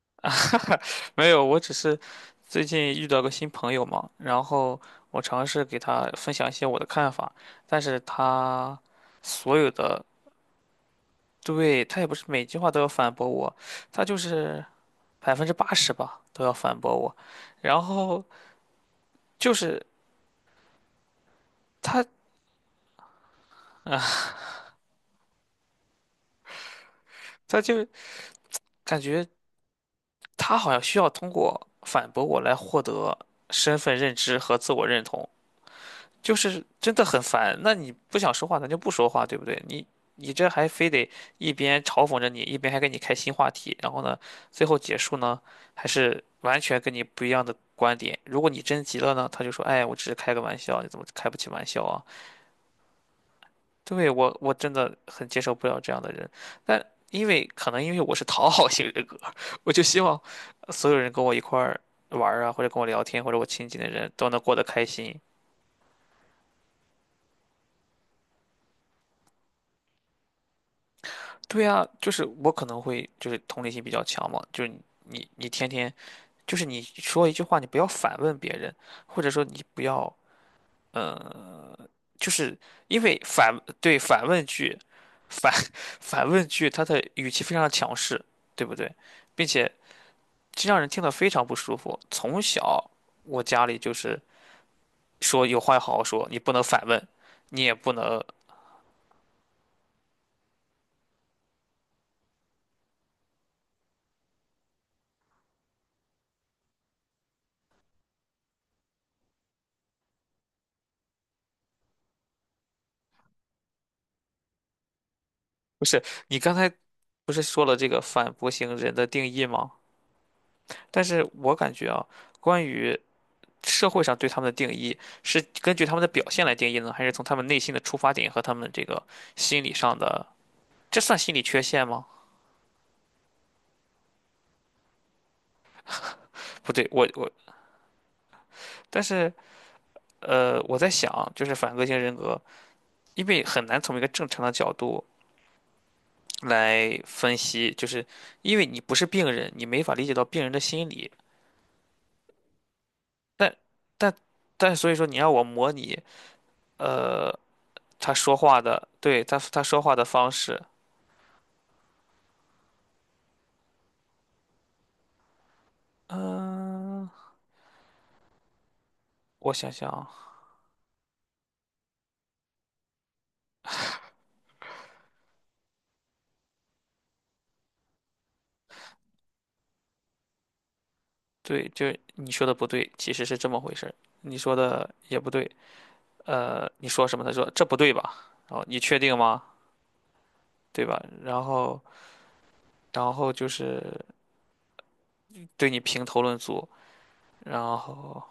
啊，没有，我只是最近遇到个新朋友嘛，然后我尝试给他分享一些我的看法，但是他所有的，对，他也不是每句话都要反驳我，他就是百分之八十吧都要反驳我，然后就是他他就感觉他好像需要通过反驳我来获得身份认知和自我认同，就是真的很烦。那你不想说话，咱就不说话，对不对？你这还非得一边嘲讽着你，一边还给你开新话题，然后呢，最后结束呢，还是完全跟你不一样的观点。如果你真急了呢，他就说："哎，我只是开个玩笑，你怎么开不起玩笑啊？"对，我真的很接受不了这样的人，但可能因为我是讨好型人格，我就希望所有人跟我一块儿玩儿啊，或者跟我聊天，或者我亲近的人都能过得开心。对呀，就是我可能会就是同理心比较强嘛，就是你天天就是你说一句话，你不要反问别人，或者说你不要嗯，就是因为反问句，反 反问句，它的语气非常的强势，对不对？并且这让人听得非常不舒服。从小我家里就是说有话要好好说，你不能反问，你也不能不是你刚才不是说了这个反驳型人的定义吗？但是我感觉啊，关于社会上对他们的定义，是根据他们的表现来定义呢，还是从他们内心的出发点和他们这个心理上的，这算心理缺陷吗？不对，我我，但是我在想，就是反个性人格，因为很难从一个正常的角度来分析，就是因为你不是病人，你没法理解到病人的心理。但但但所以说，你让我模拟，呃，他说话的，对，他说话的方式，嗯、我想想啊，对，就是你说的不对，其实是这么回事儿。你说的也不对，你说什么？他说这不对吧？然后你确定吗？对吧？然后就是对你评头论足，然后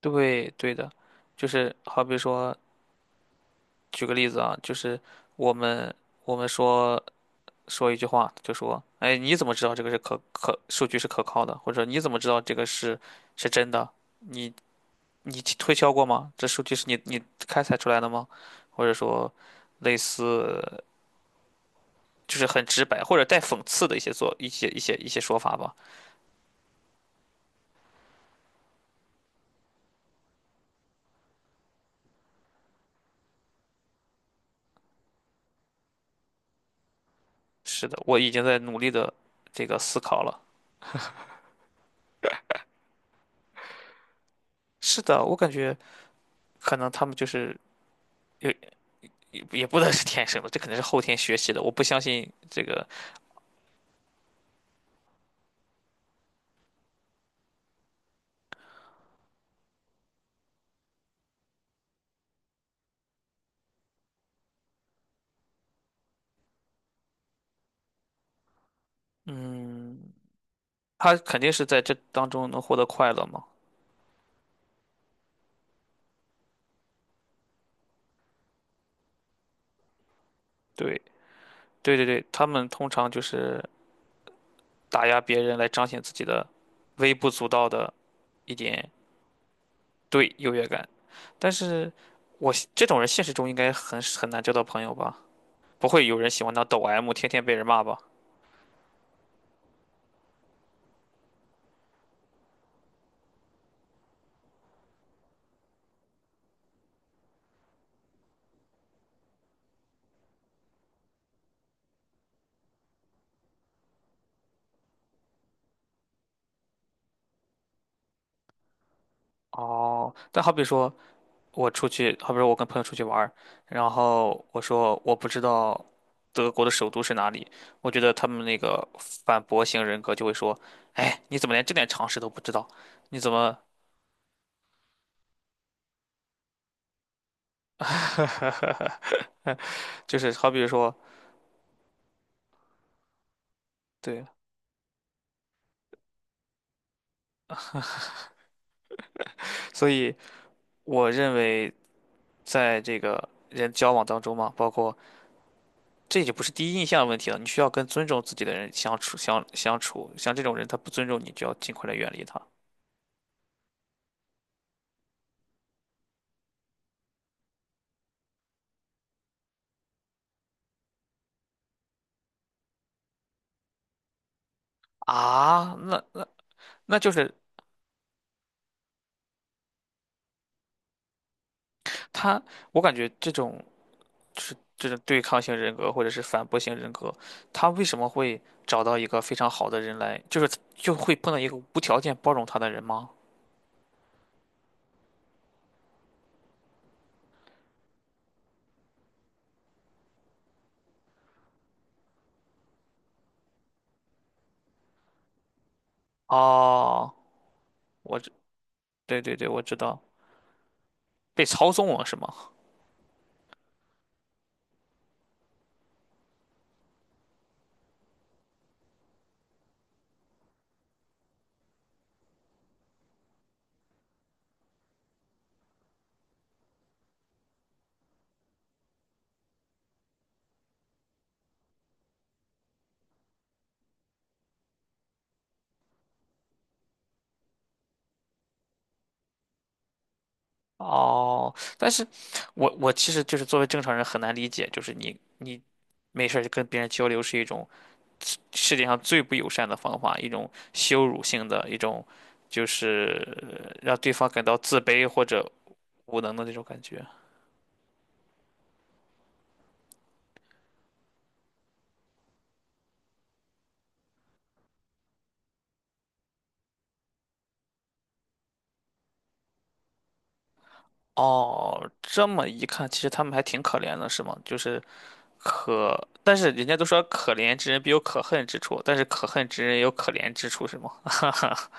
对对的，就是好比说，举个例子啊，就是我们我们说说一句话，就说，哎，你怎么知道这个是数据是可靠的？或者你怎么知道这个是真的？你你去推敲过吗？这数据是你开采出来的吗？或者说，类似就是很直白或者带讽刺的一些做一些一些一些说法吧？是的，我已经在努力的这个思考了。是的，我感觉可能他们就是也也不能是天生的，这肯定是后天学习的。我不相信这个，嗯，他肯定是在这当中能获得快乐嘛？对对对对，他们通常就是打压别人来彰显自己的微不足道的一点。对，优越感。但是我这种人现实中应该很难交到朋友吧？不会有人喜欢当抖 M,天天被人骂吧？哦，但好比说我跟朋友出去玩儿，然后我说我不知道德国的首都是哪里，我觉得他们那个反驳型人格就会说："哎，你怎么连这点常识都不知道？你怎么？" 就是好比说，对，所以我认为在这个人交往当中嘛，包括这就不是第一印象的问题了，你需要跟尊重自己的人相处，像这种人他不尊重你，就要尽快的远离他啊。那就是他，我感觉这种对抗性人格或者是反驳性人格，他为什么会找到一个非常好的人来，就是就会碰到一个无条件包容他的人吗？哦，我知，对对对，我知道，被操纵了是吗？哦，但是我其实就是作为正常人很难理解，就是你没事儿就跟别人交流是一种世界上最不友善的方法，一种羞辱性的，一种就是让对方感到自卑或者无能的那种感觉。哦，这么一看，其实他们还挺可怜的，是吗？就是可，但是人家都说可怜之人必有可恨之处，但是可恨之人也有可怜之处，是吗？哈哈。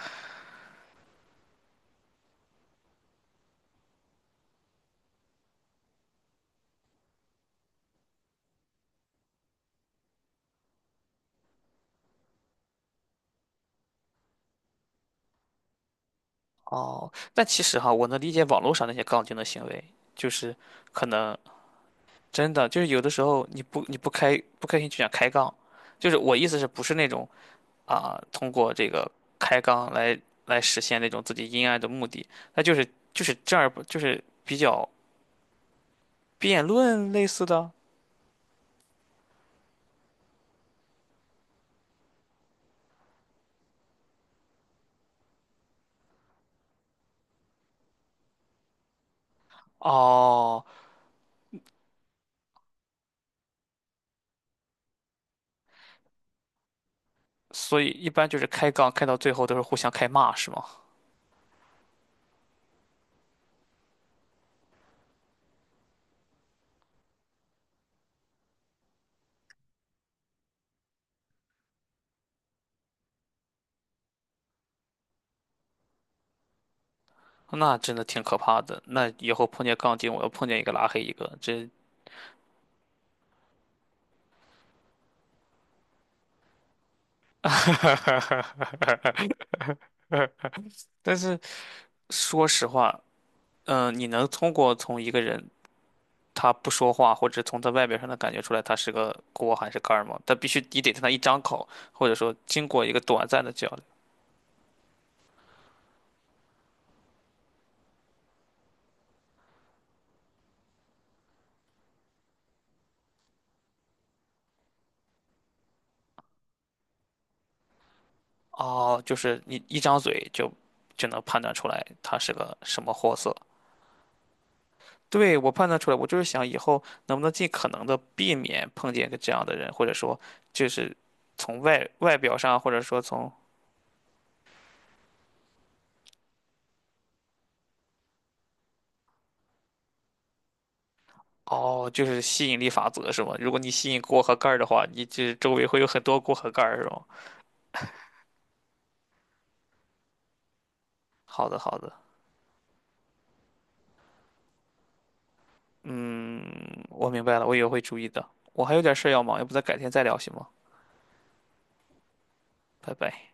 哦，但其实哈，我能理解网络上那些杠精的行为，就是可能真的就是有的时候你不开心就想开杠，就是我意思是不是那种通过这个开杠来实现那种自己阴暗的目的，那就是正儿不就是比较辩论类似的哦，所以一般就是开杠开到最后都是互相开骂是吗？那真的挺可怕的，那以后碰见杠精我要碰见一个拉黑一个，但是说实话。你能通过从一个人他不说话，或者从他外表上能感觉出来他是个锅还是盖儿吗？但必须你得跟他一张口，或者说经过一个短暂的交流，哦，就是你一张嘴就能判断出来他是个什么货色。对，我判断出来，我就是想以后能不能尽可能的避免碰见一个这样的人，或者说就是从外表上，或者说哦，就是吸引力法则是吗？如果你吸引锅和盖儿的话，你这周围会有很多锅和盖儿是吗？好的，好的，嗯，我明白了，我以后会注意的。我还有点事要忙，要不咱改天再聊行吗？拜拜。